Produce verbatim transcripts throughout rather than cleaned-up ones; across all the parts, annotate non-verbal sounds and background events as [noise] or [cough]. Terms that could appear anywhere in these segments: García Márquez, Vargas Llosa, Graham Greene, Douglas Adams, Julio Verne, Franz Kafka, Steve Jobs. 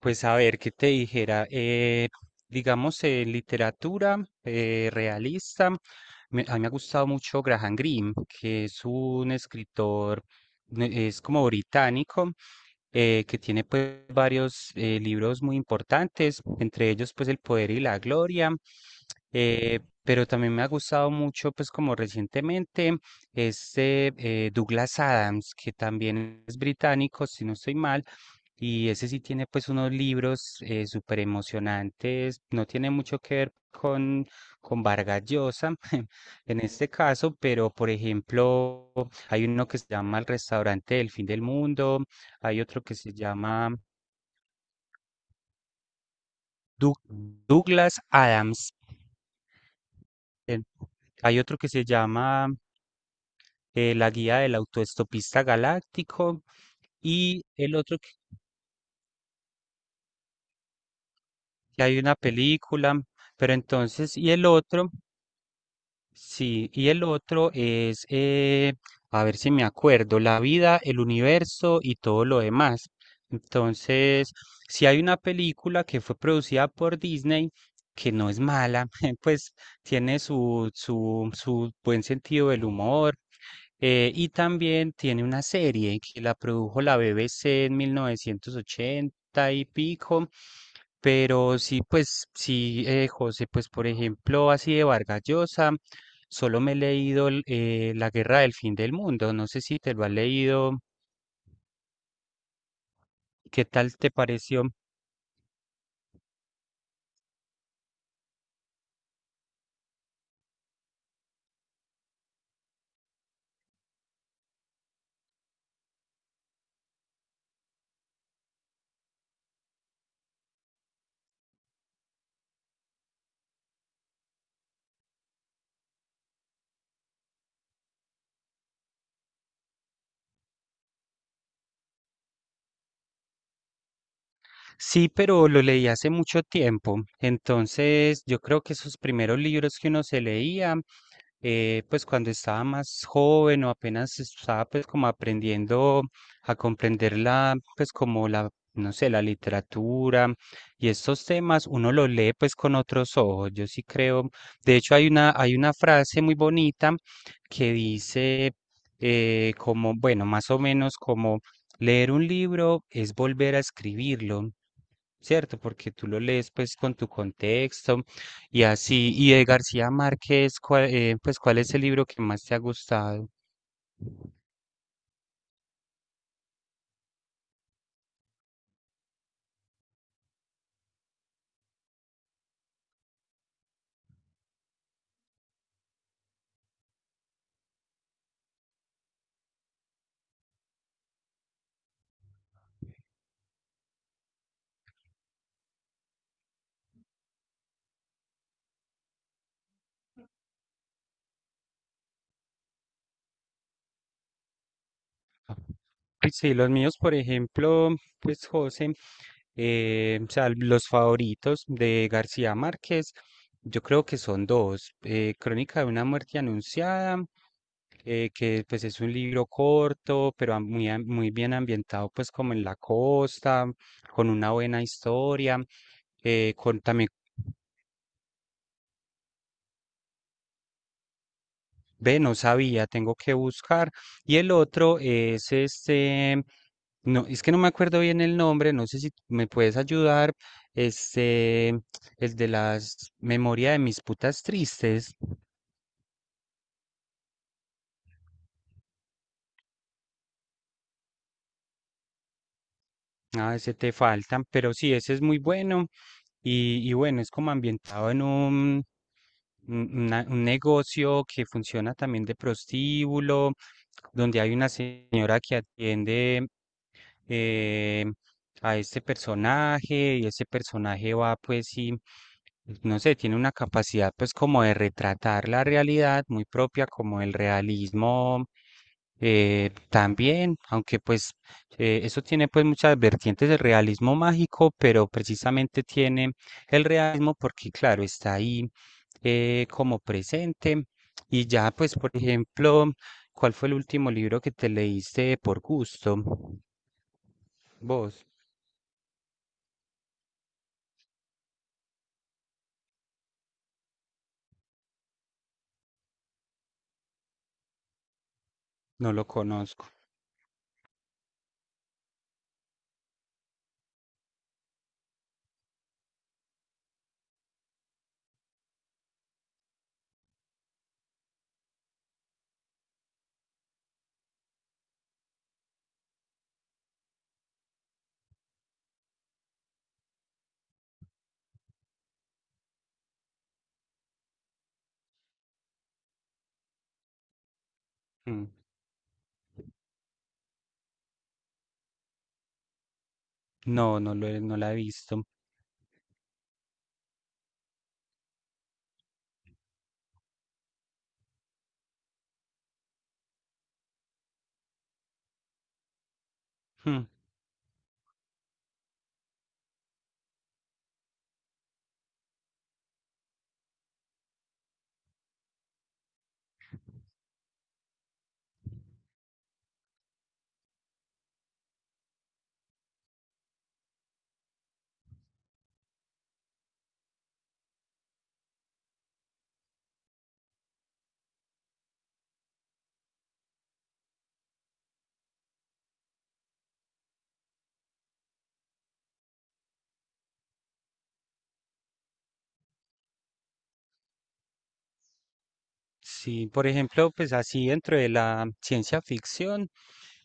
Pues a ver, ¿qué te dijera? Eh, digamos, eh, literatura eh, realista. Me- a mí me ha gustado mucho Graham Greene, que es un escritor, ne- es como británico, eh, que tiene pues varios eh, libros muy importantes, entre ellos pues El Poder y la Gloria. Eh, pero también me ha gustado mucho pues como recientemente este eh, Douglas Adams, que también es británico, si no estoy mal, y ese sí tiene pues unos libros eh, súper emocionantes, no tiene mucho que ver con, con Vargas Llosa [laughs] en este caso, pero por ejemplo hay uno que se llama El restaurante del fin del mundo, hay otro que se llama Doug- Douglas Adams, eh, hay otro que se llama eh, La guía del autoestopista galáctico, y el otro que que hay una película, pero entonces, y el otro. Sí, y el otro es, eh, a ver si me acuerdo, la vida, el universo y todo lo demás. Entonces, si hay una película que fue producida por Disney, que no es mala, [laughs] pues tiene su, su, su buen sentido del humor, eh, y también tiene una serie que la produjo la B B C en mil novecientos ochenta y pico. Pero sí, pues sí, eh, José, pues por ejemplo, así de Vargas Llosa. Solo me he leído el, eh, La Guerra del Fin del Mundo. No sé si te lo has leído. ¿Qué tal te pareció? Sí, pero lo leí hace mucho tiempo. Entonces, yo creo que esos primeros libros que uno se leía eh, pues cuando estaba más joven, o apenas estaba pues como aprendiendo a comprender la, pues como la, no sé, la literatura y estos temas, uno lo lee pues con otros ojos. Yo sí creo, de hecho hay una, hay una frase muy bonita que dice eh, como, bueno, más o menos como: leer un libro es volver a escribirlo. ¿Cierto? Porque tú lo lees pues con tu contexto, y así. Y de García Márquez, ¿cuál, eh, pues, ¿cuál es el libro que más te ha gustado? Pues sí, los míos, por ejemplo, pues José, eh, o sea, los favoritos de García Márquez, yo creo que son dos. eh, Crónica de una muerte anunciada, eh, que pues es un libro corto, pero am- muy, am- muy bien ambientado pues como en la costa, con una buena historia, eh, con también. Ve, no sabía, tengo que buscar. Y el otro es este, no, es que no me acuerdo bien el nombre, no sé si me puedes ayudar, este, el de las memorias de mis putas tristes. Ah, ese te faltan, pero sí, ese es muy bueno, y, y bueno, es como ambientado en un, un una- un negocio que funciona también de prostíbulo, donde hay una señora que atiende eh, a este personaje, y ese personaje va pues y no sé, tiene una capacidad pues como de retratar la realidad muy propia como el realismo, eh, también, aunque pues eh, eso tiene pues muchas vertientes del realismo mágico, pero precisamente tiene el realismo porque claro, está ahí eh, como presente. Y ya pues, por ejemplo, ¿cuál fue el último libro que te leíste por gusto? Vos, no lo conozco. Mm, no, no lo he- no la he visto. Mm. Sí, por ejemplo, pues así dentro de la ciencia ficción,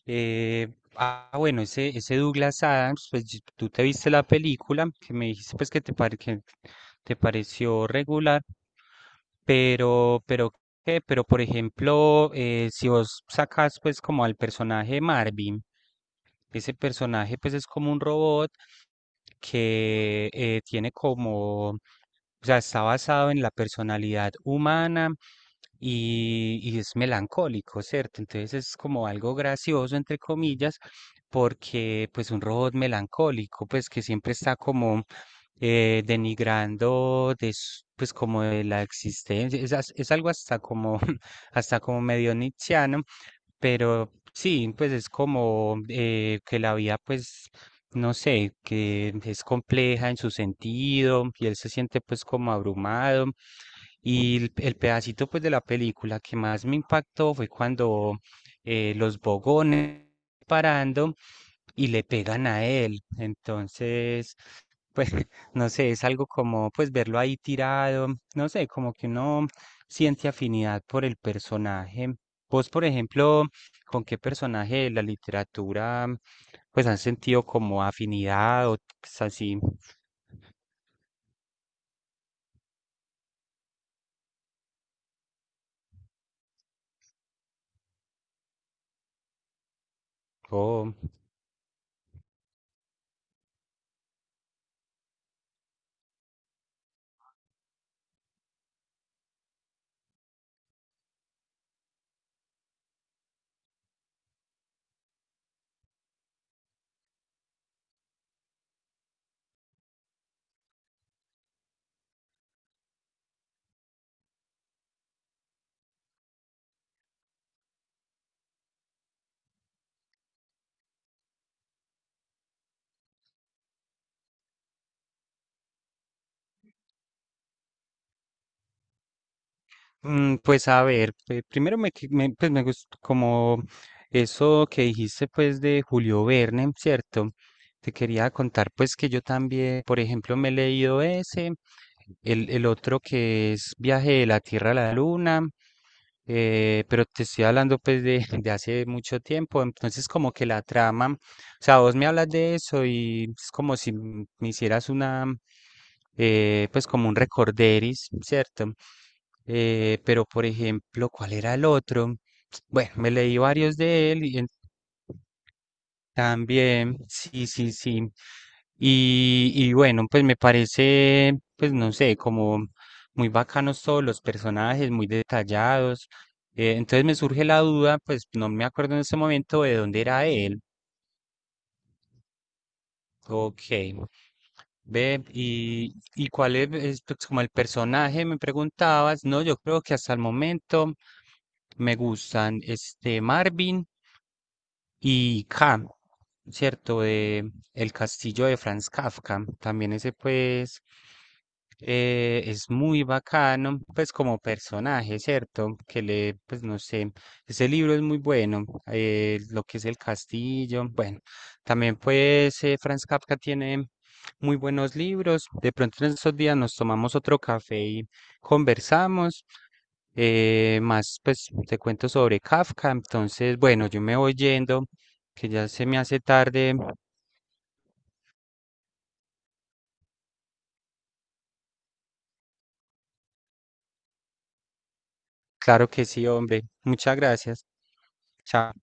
eh, ah, bueno, ese, ese Douglas Adams, pues yo- tú te viste la película, que me dijiste pues que te, pare- que te pareció regular, pero, pero, ¿qué? Pero, por ejemplo, eh, si vos sacas pues como al personaje Marvin, ese personaje pues es como un robot que eh, tiene como, o sea, está basado en la personalidad humana, y, y es melancólico, ¿cierto? Entonces es como algo gracioso, entre comillas, porque pues un robot melancólico, pues que siempre está como eh, denigrando de, s- pues como de la existencia, es, as- es algo hasta como, [laughs] hasta como medio nietzscheano. Pero sí, pues es como eh, que la vida, pues, no sé, que es compleja en su sentido y él se siente pues como abrumado. Y el, el pedacito pues de la película que más me impactó fue cuando eh, los bogones parando y le pegan a él. Entonces, pues [laughs] no sé, es algo como pues verlo ahí tirado, no sé, como que uno siente afinidad por el personaje. Vos, por ejemplo, ¿con qué personaje de la literatura pues has sentido como afinidad o pues, así? Oh. Mm, pues a ver, pe- primero me, que- me- pues me gustó como eso que dijiste pues de Julio Verne, ¿cierto? Te quería contar pues que yo también, por ejemplo, me he leído ese, el, el otro que es Viaje de la Tierra a la Luna, eh, pero te estoy hablando pues de, [laughs] de hace mucho tiempo, entonces como que la trama, o sea, vos me hablas de eso y es como si m- me hicieras una, eh, pues como un recorderis, ¿cierto? Eh, pero, por ejemplo, ¿cuál era el otro? Bueno, me leí varios de él y en- también, sí, sí, sí. Y, y bueno, pues me parece, pues no sé, como muy bacanos todos los personajes, muy detallados. Eh, entonces me surge la duda, pues no me acuerdo en ese momento de dónde era él. Ok. Ve, y, ¿y cuál es, es, pues, como el personaje? Me preguntabas. No, yo creo que hasta el momento me gustan este Marvin. Y K, ¿cierto? De El castillo, de Franz Kafka. También ese pues eh, es muy bacano, pues como personaje, ¿cierto? Que le, pues no sé, ese libro es muy bueno, eh, lo que es el castillo, bueno, también pues eh, Franz Kafka tiene muy buenos libros. De pronto en estos días nos tomamos otro café y conversamos, eh, más pues te cuento sobre Kafka. Entonces bueno, yo me voy yendo, que ya se me hace tarde. Claro que sí, hombre. Muchas gracias. Chao.